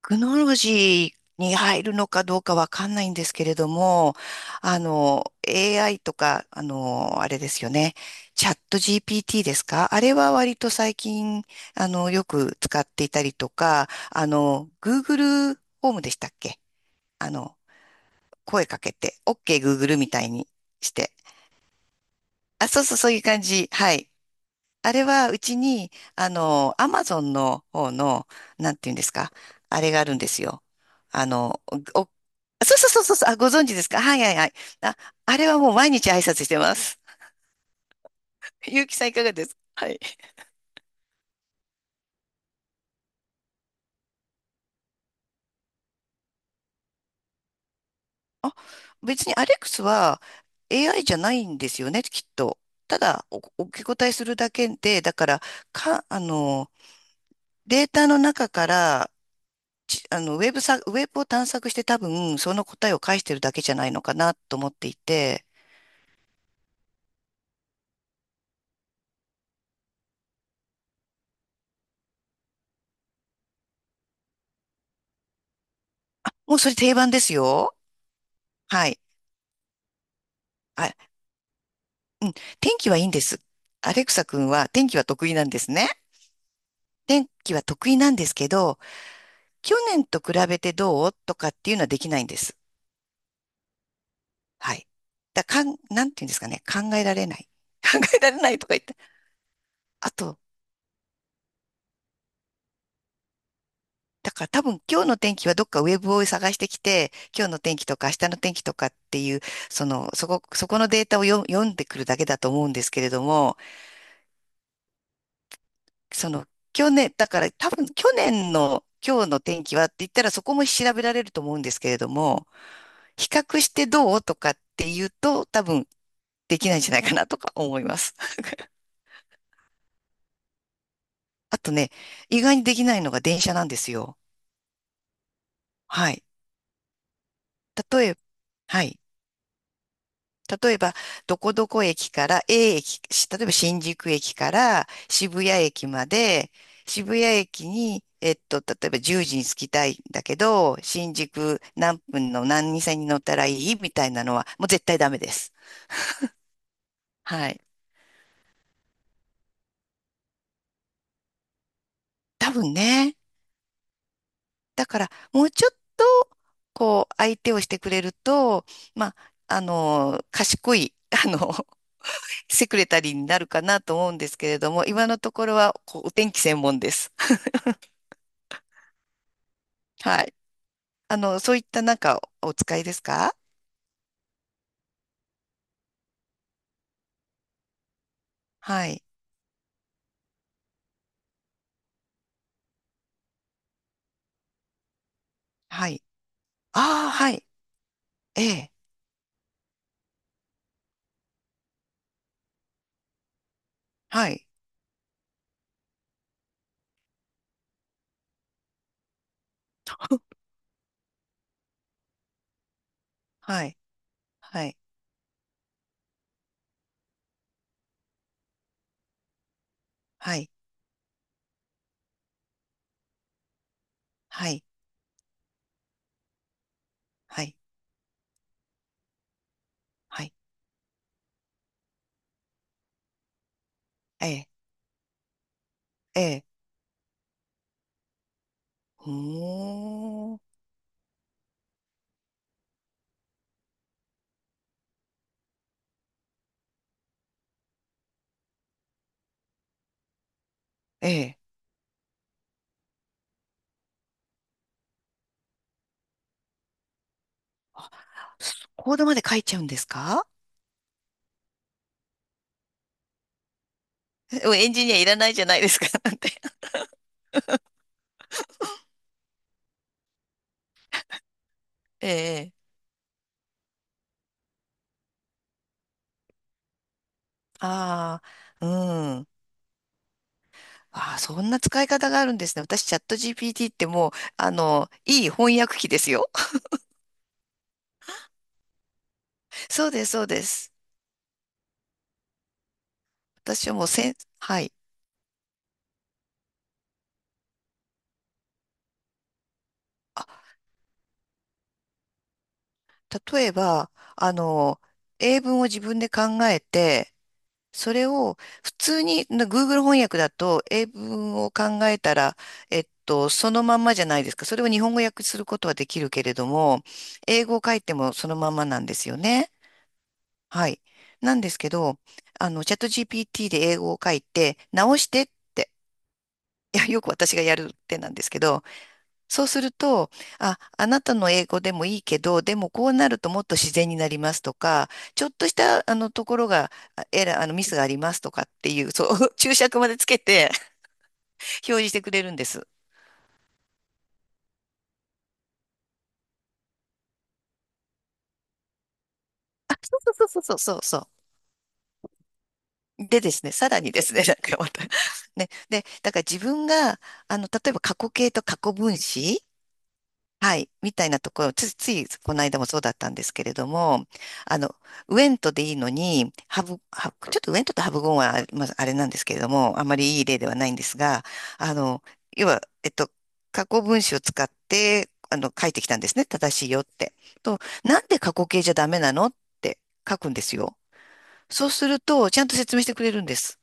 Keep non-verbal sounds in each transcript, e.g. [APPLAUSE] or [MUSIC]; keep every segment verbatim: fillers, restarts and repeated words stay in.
クノロジーに入るのかどうかわかんないんですけれども、あの、エーアイ とか、あの、あれですよね。チャット ジーピーティー ですか？あれは割と最近、あの、よく使っていたりとか、あの、Google ホームでしたっけ？あの、声かけて、OK Google みたいにして。あ、そうそう、そういう感じ。はい。あれはうちに、あの、アマゾンの方の、なんていうんですか、あれがあるんですよ。あの、お、そうそうそうそうそう、あ、ご存知ですか？はいはいはい。あ、あれはもう毎日挨拶してます。[LAUGHS] ゆうきさんいかがですか？はい。あ、別にアレックスは エーアイ じゃないんですよね、きっと。ただ、お、お受け答えするだけで、だから、か、あの、データの中から、ちあの、ウェブさ、ウェブを探索して多分、その答えを返してるだけじゃないのかなと思っていて。もうそれ定番ですよ。はい。あ、うん。天気はいいんです。アレクサ君は天気は得意なんですね。天気は得意なんですけど、去年と比べてどうとかっていうのはできないんです。はい。だかん、なんていうんですかね。考えられない。[LAUGHS] 考えられないとか言って。あと、だから多分今日の天気はどっかウェブを探してきて、今日の天気とか明日の天気とかっていう、その、そこ、そこのデータを読読んでくるだけだと思うんですけれども、その、去年、だから多分去年の今日の天気はって言ったらそこも調べられると思うんですけれども、比較してどうとかって言うと多分できないんじゃないかなとか思います。[LAUGHS] あとね、意外にできないのが電車なんですよ。はい。例えば、はい。例えば、どこどこ駅から A 駅、し例えば新宿駅から渋谷駅まで、渋谷駅に、えっと、例えばじゅうじに着きたいんだけど、新宿何分の何線に乗ったらいいみたいなのは、もう絶対ダメです。はい。多分ね。だから、もうちょっと、こう、相手をしてくれると、まあ、あの、賢い、あの、セクレタリーになるかなと思うんですけれども、今のところは、こう、お天気専門です。はい。あの、そういったなんかお使いですか？はい。はい。ああ、はい。ええ。はい。はい。はい。はい。はい。はい。はい。ええ。ええ。ほー。ええ。コードまで書いちゃうんですか？えエンジニアいらないじゃないですか。[LAUGHS] なんて。[LAUGHS] ええ。ああ、うん。ああ、そんな使い方があるんですね。私、チャット ジーピーティー ってもう、あの、いい翻訳機ですよ。[LAUGHS] そうです、そうです。私はもうせん、はい。例えば、あの、英文を自分で考えて、それを普通にな Google 翻訳だと英文を考えたら、えっと、そのまんまじゃないですか。それを日本語訳することはできるけれども、英語を書いてもそのまんまなんですよね。はい。なんですけど、あの、チャット ジーピーティー で英語を書いて、直してって、いや、よく私がやるってなんですけど、そうすると、あ、あなたの英語でもいいけど、でもこうなるともっと自然になりますとか、ちょっとしたあのところが、あエラー、あのミスがありますとかっていう、[LAUGHS] そう、[LAUGHS] 注釈までつけて表示してくれるんです。あ、そうそうそうそうそうそう。でですね、さらにですね、なんかまた [LAUGHS] ね、で、だから自分が、あの、例えば過去形と過去分詞はい、みたいなところ、つ、ついこの間もそうだったんですけれども、あの、ウエントでいいのに、ハブ、ハブちょっとウエントとハブゴンはあまあ、あれなんですけれども、あまりいい例ではないんですが、あの、要は、えっと、過去分詞を使って、あの、書いてきたんですね。正しいよって。と、なんで過去形じゃダメなのって書くんですよ。そうすると、ちゃんと説明してくれるんです。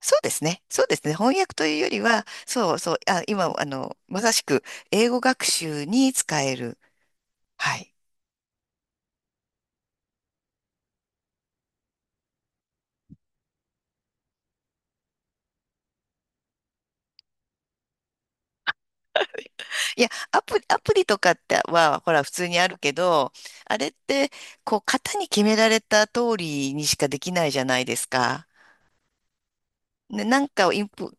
そうですね。そうですね。翻訳というよりは、そうそう、あ、今、あの、まさしく英語学習に使える。はい。いや、アプリ、アプリとかっては、ほら、普通にあるけど、あれって、こう、型に決められた通りにしかできないじゃないですか。ね、なんかをインプ、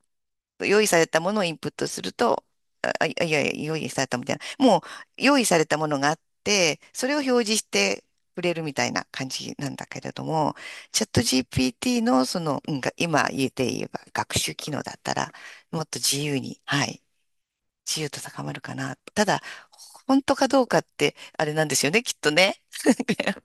用意されたものをインプットすると、あ、あいやいや、用意されたみたいな。もう用意されたものがあって、それを表示してくれるみたいな感じなんだけれども、チャット ジーピーティー のその、うん、が今言えて言えば学習機能だったら、もっと自由に、はい、自由と高まるかな。ただ、本当かどうかって、あれなんですよね、きっとね。[LAUGHS]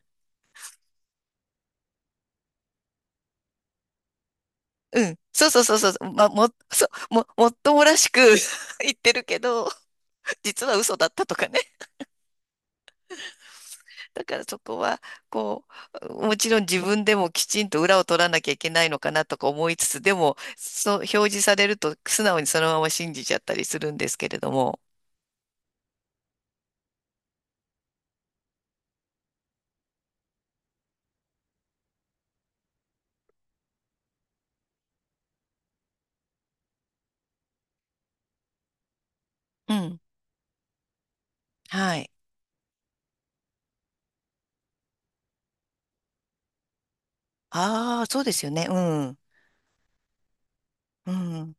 うん。そうそうそうそう。まあ、も、そう、も、もっともらしく [LAUGHS] 言ってるけど、実は嘘だったとかね。だからそこは、こう、もちろん自分でもきちんと裏を取らなきゃいけないのかなとか思いつつ、でも、そう、表示されると素直にそのまま信じちゃったりするんですけれども。うん。はい。ああ、そうですよね。うん。うん。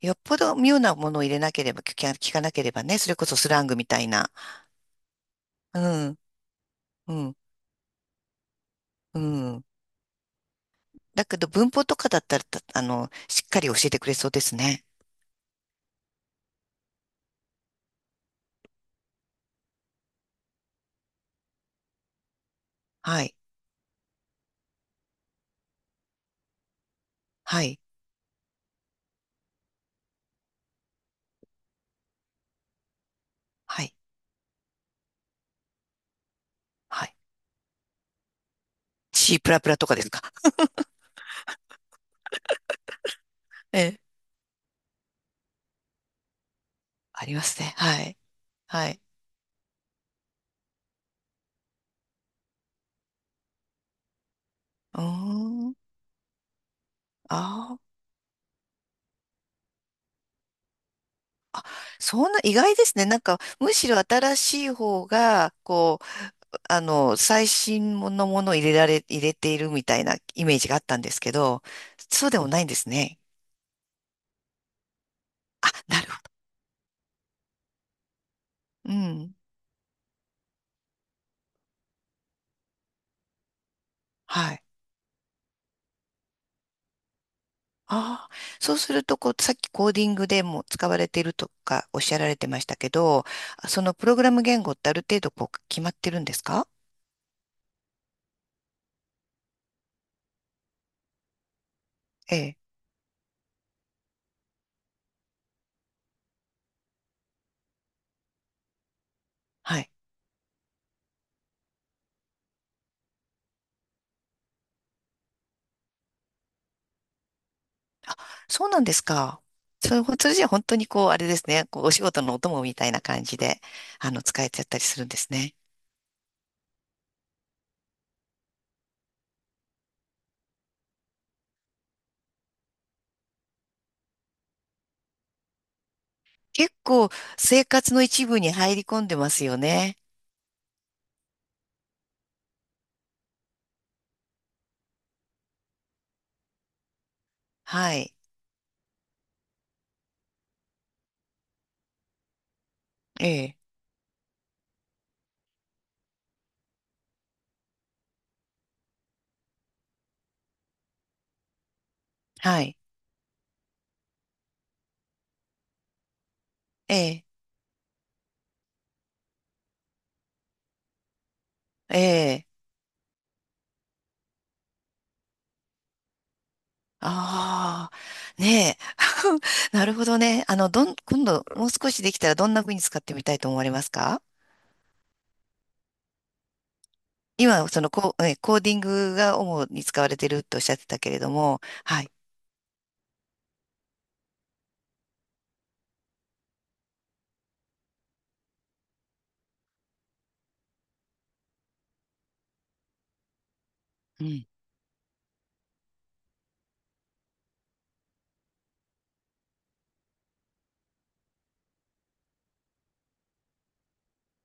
よっぽど妙なものを入れなければ、聞か聞かなければね、それこそスラングみたいな。うん。うん。うん。だけど文法とかだったら、たあの、しっかり教えてくれそうですね。はい。はい。はい。はい。チープラプラとかですか？[LAUGHS] ええ、ありますね。はい。はい。うーん。あーあ。そんな意外ですね。なんか、むしろ新しい方が、こう、あの、最新のものを入れられ、入れているみたいなイメージがあったんですけど、そうでもないんですね。あ、なるほど。うん。はい。ああ。そうすると、こう、さっきコーディングでも使われているとかおっしゃられてましたけど、そのプログラム言語ってある程度、こう、決まってるんですか？ええ。はい。そうなんですか。それ、それじゃ本当にこう、あれですね。こう、お仕事のお供みたいな感じで、あの、使えちゃったりするんですね。結構、生活の一部に入り込んでますよね。はい。ええ。はい。ええ。ええ。ああ。ねえ。[LAUGHS] なるほどね。あの、どん、今度、もう少しできたらどんな風に使ってみたいと思われますか？今、そのコ、こえ、コーディングが主に使われてるとおっしゃってたけれども、はい。うん